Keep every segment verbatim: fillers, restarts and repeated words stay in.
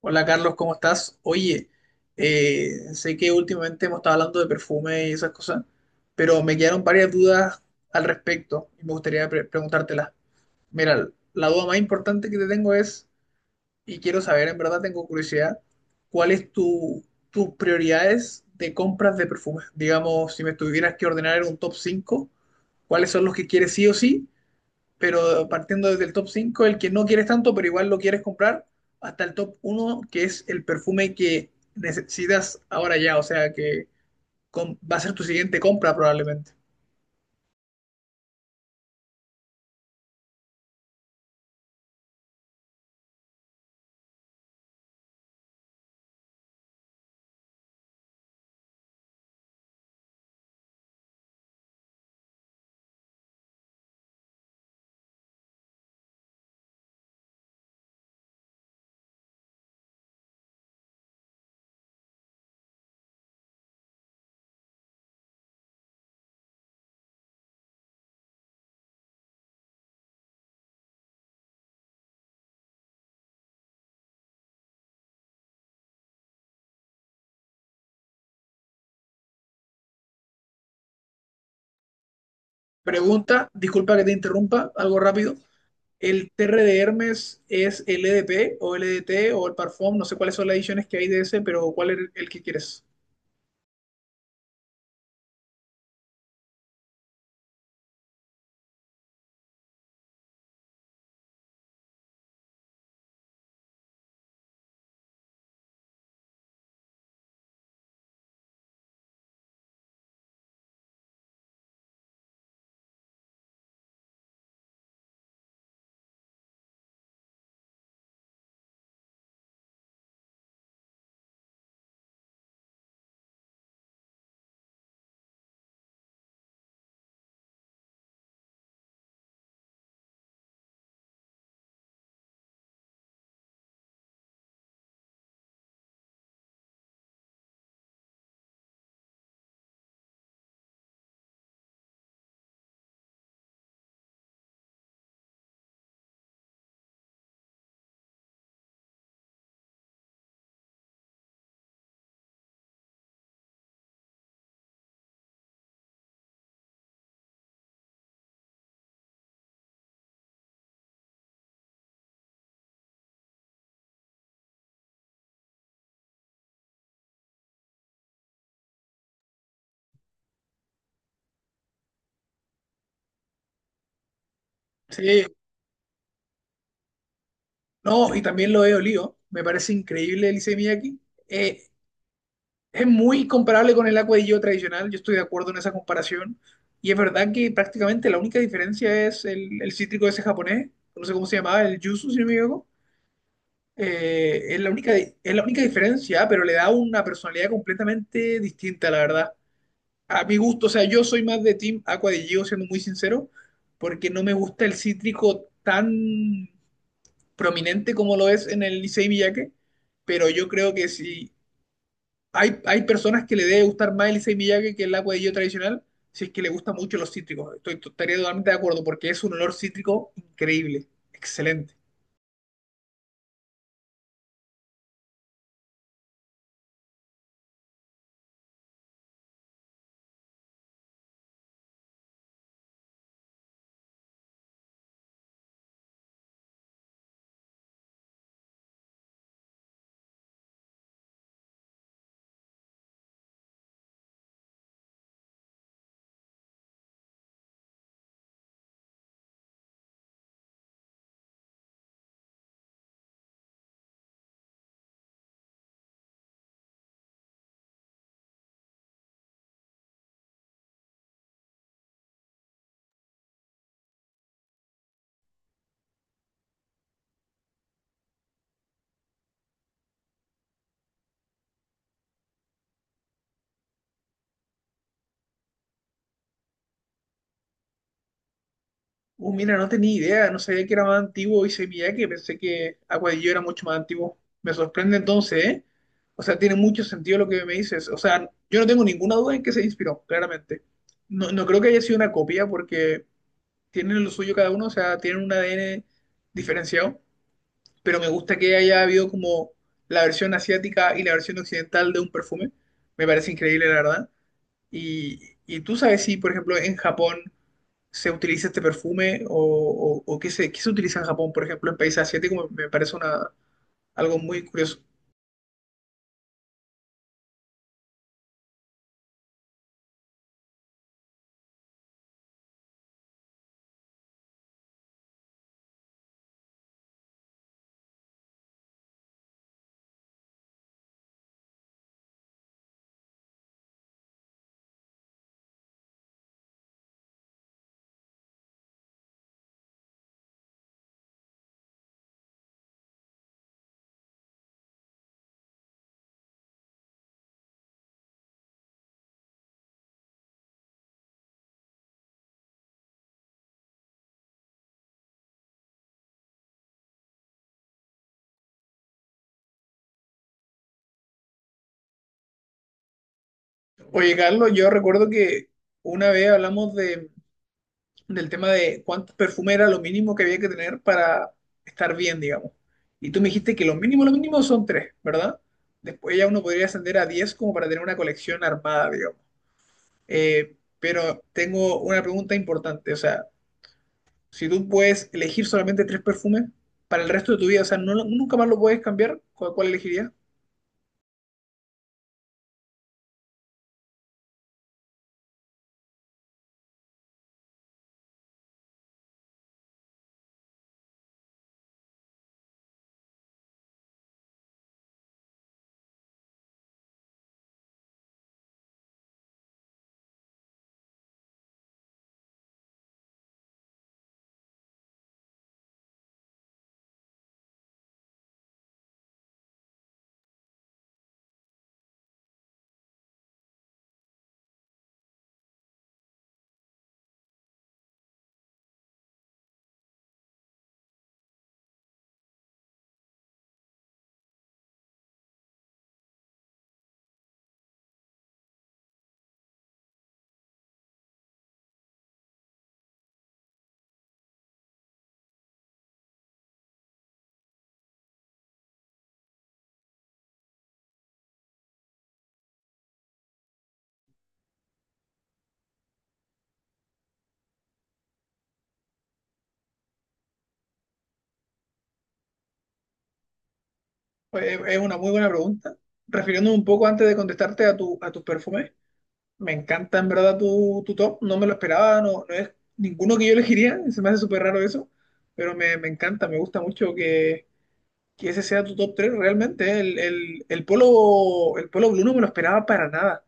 Hola Carlos, ¿cómo estás? Oye, eh, sé que últimamente hemos estado hablando de perfume y esas cosas, pero me quedaron varias dudas al respecto y me gustaría pre- preguntártelas. Mira, la duda más importante que te tengo es, y quiero saber, en verdad tengo curiosidad, ¿cuáles tu, tus prioridades de compras de perfumes? Digamos, si me tuvieras que ordenar en un top cinco, ¿cuáles son los que quieres sí o sí? Pero partiendo desde el top cinco, el que no quieres tanto, pero igual lo quieres comprar, hasta el top uno, que es el perfume que necesitas ahora ya, o sea que com- va a ser tu siguiente compra probablemente. Pregunta, disculpa que te interrumpa, algo rápido. ¿El T R de Hermes es L D P o L D T o el Parfum? No sé cuáles son las ediciones que hay de ese, pero ¿cuál es el que quieres? Sí. No, y también lo he olido. Me parece increíble el Issey Miyake. Eh, es muy comparable con el Agua de Yo tradicional. Yo estoy de acuerdo en esa comparación. Y es verdad que prácticamente la única diferencia es el, el cítrico ese japonés. No sé cómo se llamaba, el yuzu, si no me equivoco. Eh, es la única, di- es la única diferencia, pero le da una personalidad completamente distinta, la verdad. A mi gusto, o sea, yo soy más de Team Aqua de Gio, siendo muy sincero, porque no me gusta el cítrico tan prominente como lo es en el Licey Miyake, pero yo creo que si hay, hay personas que le debe gustar más el Licey Miyake que el agua de yo tradicional, si es que le gustan mucho los cítricos. Estoy, estaría totalmente de acuerdo porque es un olor cítrico increíble, excelente. Uh, mira, no tenía idea, no sabía que era más antiguo Licey Miyake, pensé que Aguadillo era mucho más antiguo. Me sorprende entonces, ¿eh? O sea, tiene mucho sentido lo que me dices. O sea, yo no tengo ninguna duda en que se inspiró, claramente. No, no creo que haya sido una copia porque tienen lo suyo cada uno, o sea, tienen un A D N diferenciado, pero me gusta que haya habido como la versión asiática y la versión occidental de un perfume. Me parece increíble, la verdad. Y, y tú sabes si, por ejemplo, en Japón se utiliza este perfume o, o, o qué se, qué se utiliza en Japón, por ejemplo, en países asiáticos, me, me parece una, algo muy curioso. Oye, Carlos, yo recuerdo que una vez hablamos de del tema de cuánto perfume era lo mínimo que había que tener para estar bien, digamos. Y tú me dijiste que lo mínimo, lo mínimo son tres, ¿verdad? Después ya uno podría ascender a diez como para tener una colección armada, digamos. Eh, pero tengo una pregunta importante, o sea, si tú puedes elegir solamente tres perfumes para el resto de tu vida, o sea, no, lo- nunca más lo puedes cambiar, ¿cuál, cuál elegirías? Pues, es es una muy buena pregunta. Refiriéndome un poco antes de contestarte a tu, a tus perfumes, me encanta en verdad tu, tu top, no me lo esperaba, no, no es ninguno que yo elegiría, se me hace súper raro eso, pero me, me encanta, me gusta mucho que, que ese sea tu top tres realmente, ¿eh? El, el, el Polo, el Polo Blue no me lo esperaba para nada.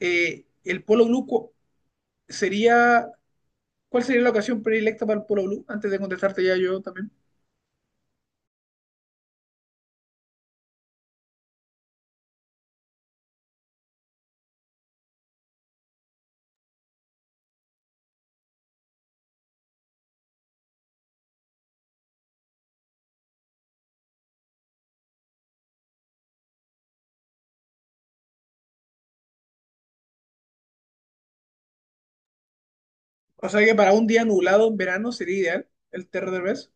Eh, el Polo Blue cu- sería, ¿cuál sería la ocasión predilecta para el Polo Blue? Antes de contestarte ya yo también. O sea que para un día nublado en verano sería ideal el Terra del Vez.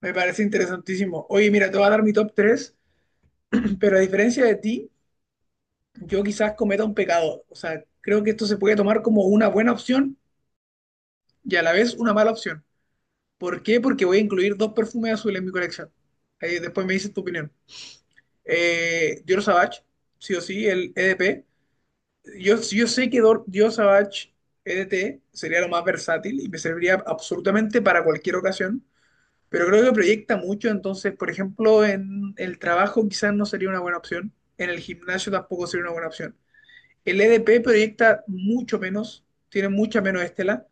Me parece interesantísimo. Oye, mira, te voy a dar mi top tres, pero a diferencia de ti yo quizás cometa un pecado. O sea, creo que esto se puede tomar como una buena opción y a la vez una mala opción. ¿Por qué? Porque voy a incluir dos perfumes azules en mi colección. Ahí después me dices tu opinión. Eh, Dior Sauvage, sí o sí, el E D P. Yo, yo sé que Dor- Dior Sauvage E D T sería lo más versátil y me serviría absolutamente para cualquier ocasión, pero creo que proyecta mucho, entonces, por ejemplo, en el trabajo quizás no sería una buena opción, en el gimnasio tampoco sería una buena opción. El E D P proyecta mucho menos, tiene mucha menos estela,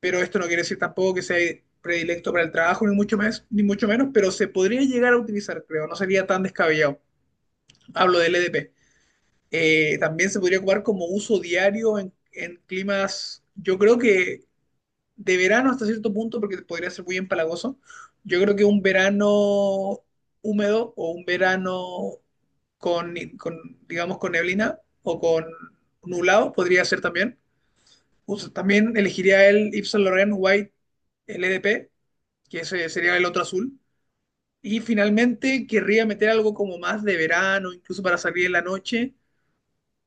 pero esto no quiere decir tampoco que sea predilecto para el trabajo, ni mucho, más, ni mucho menos, pero se podría llegar a utilizar, creo, no sería tan descabellado. Hablo del E D P. Eh, también se podría ocupar como uso diario en, en climas, yo creo que de verano hasta cierto punto, porque podría ser muy empalagoso. Yo creo que un verano húmedo o un verano con, con, digamos, con neblina o con nublado podría ser también. Us- También elegiría el Yves Saint Laurent White L D P, que ese sería el otro azul. Y finalmente querría meter algo como más de verano, incluso para salir en la noche,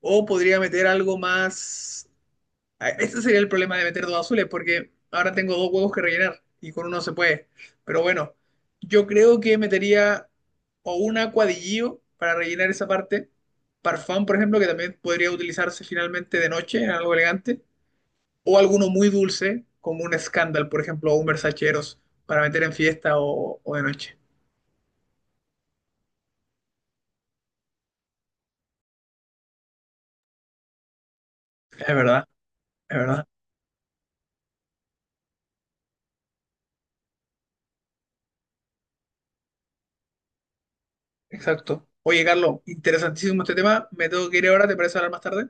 o podría meter algo más. Ah, ese sería el problema de meter dos azules, porque ahora tengo dos huevos que rellenar y con uno se puede. Pero bueno, yo creo que metería o un acuadillo para rellenar esa parte, parfán, por ejemplo, que también podría utilizarse finalmente de noche en algo elegante, o alguno muy dulce, como un Scandal, por ejemplo, o un Versace Eros, para meter en fiesta o, o de noche. Es verdad, es verdad, exacto. Oye, Carlos, interesantísimo este tema. Me tengo que ir ahora, ¿te parece hablar más tarde?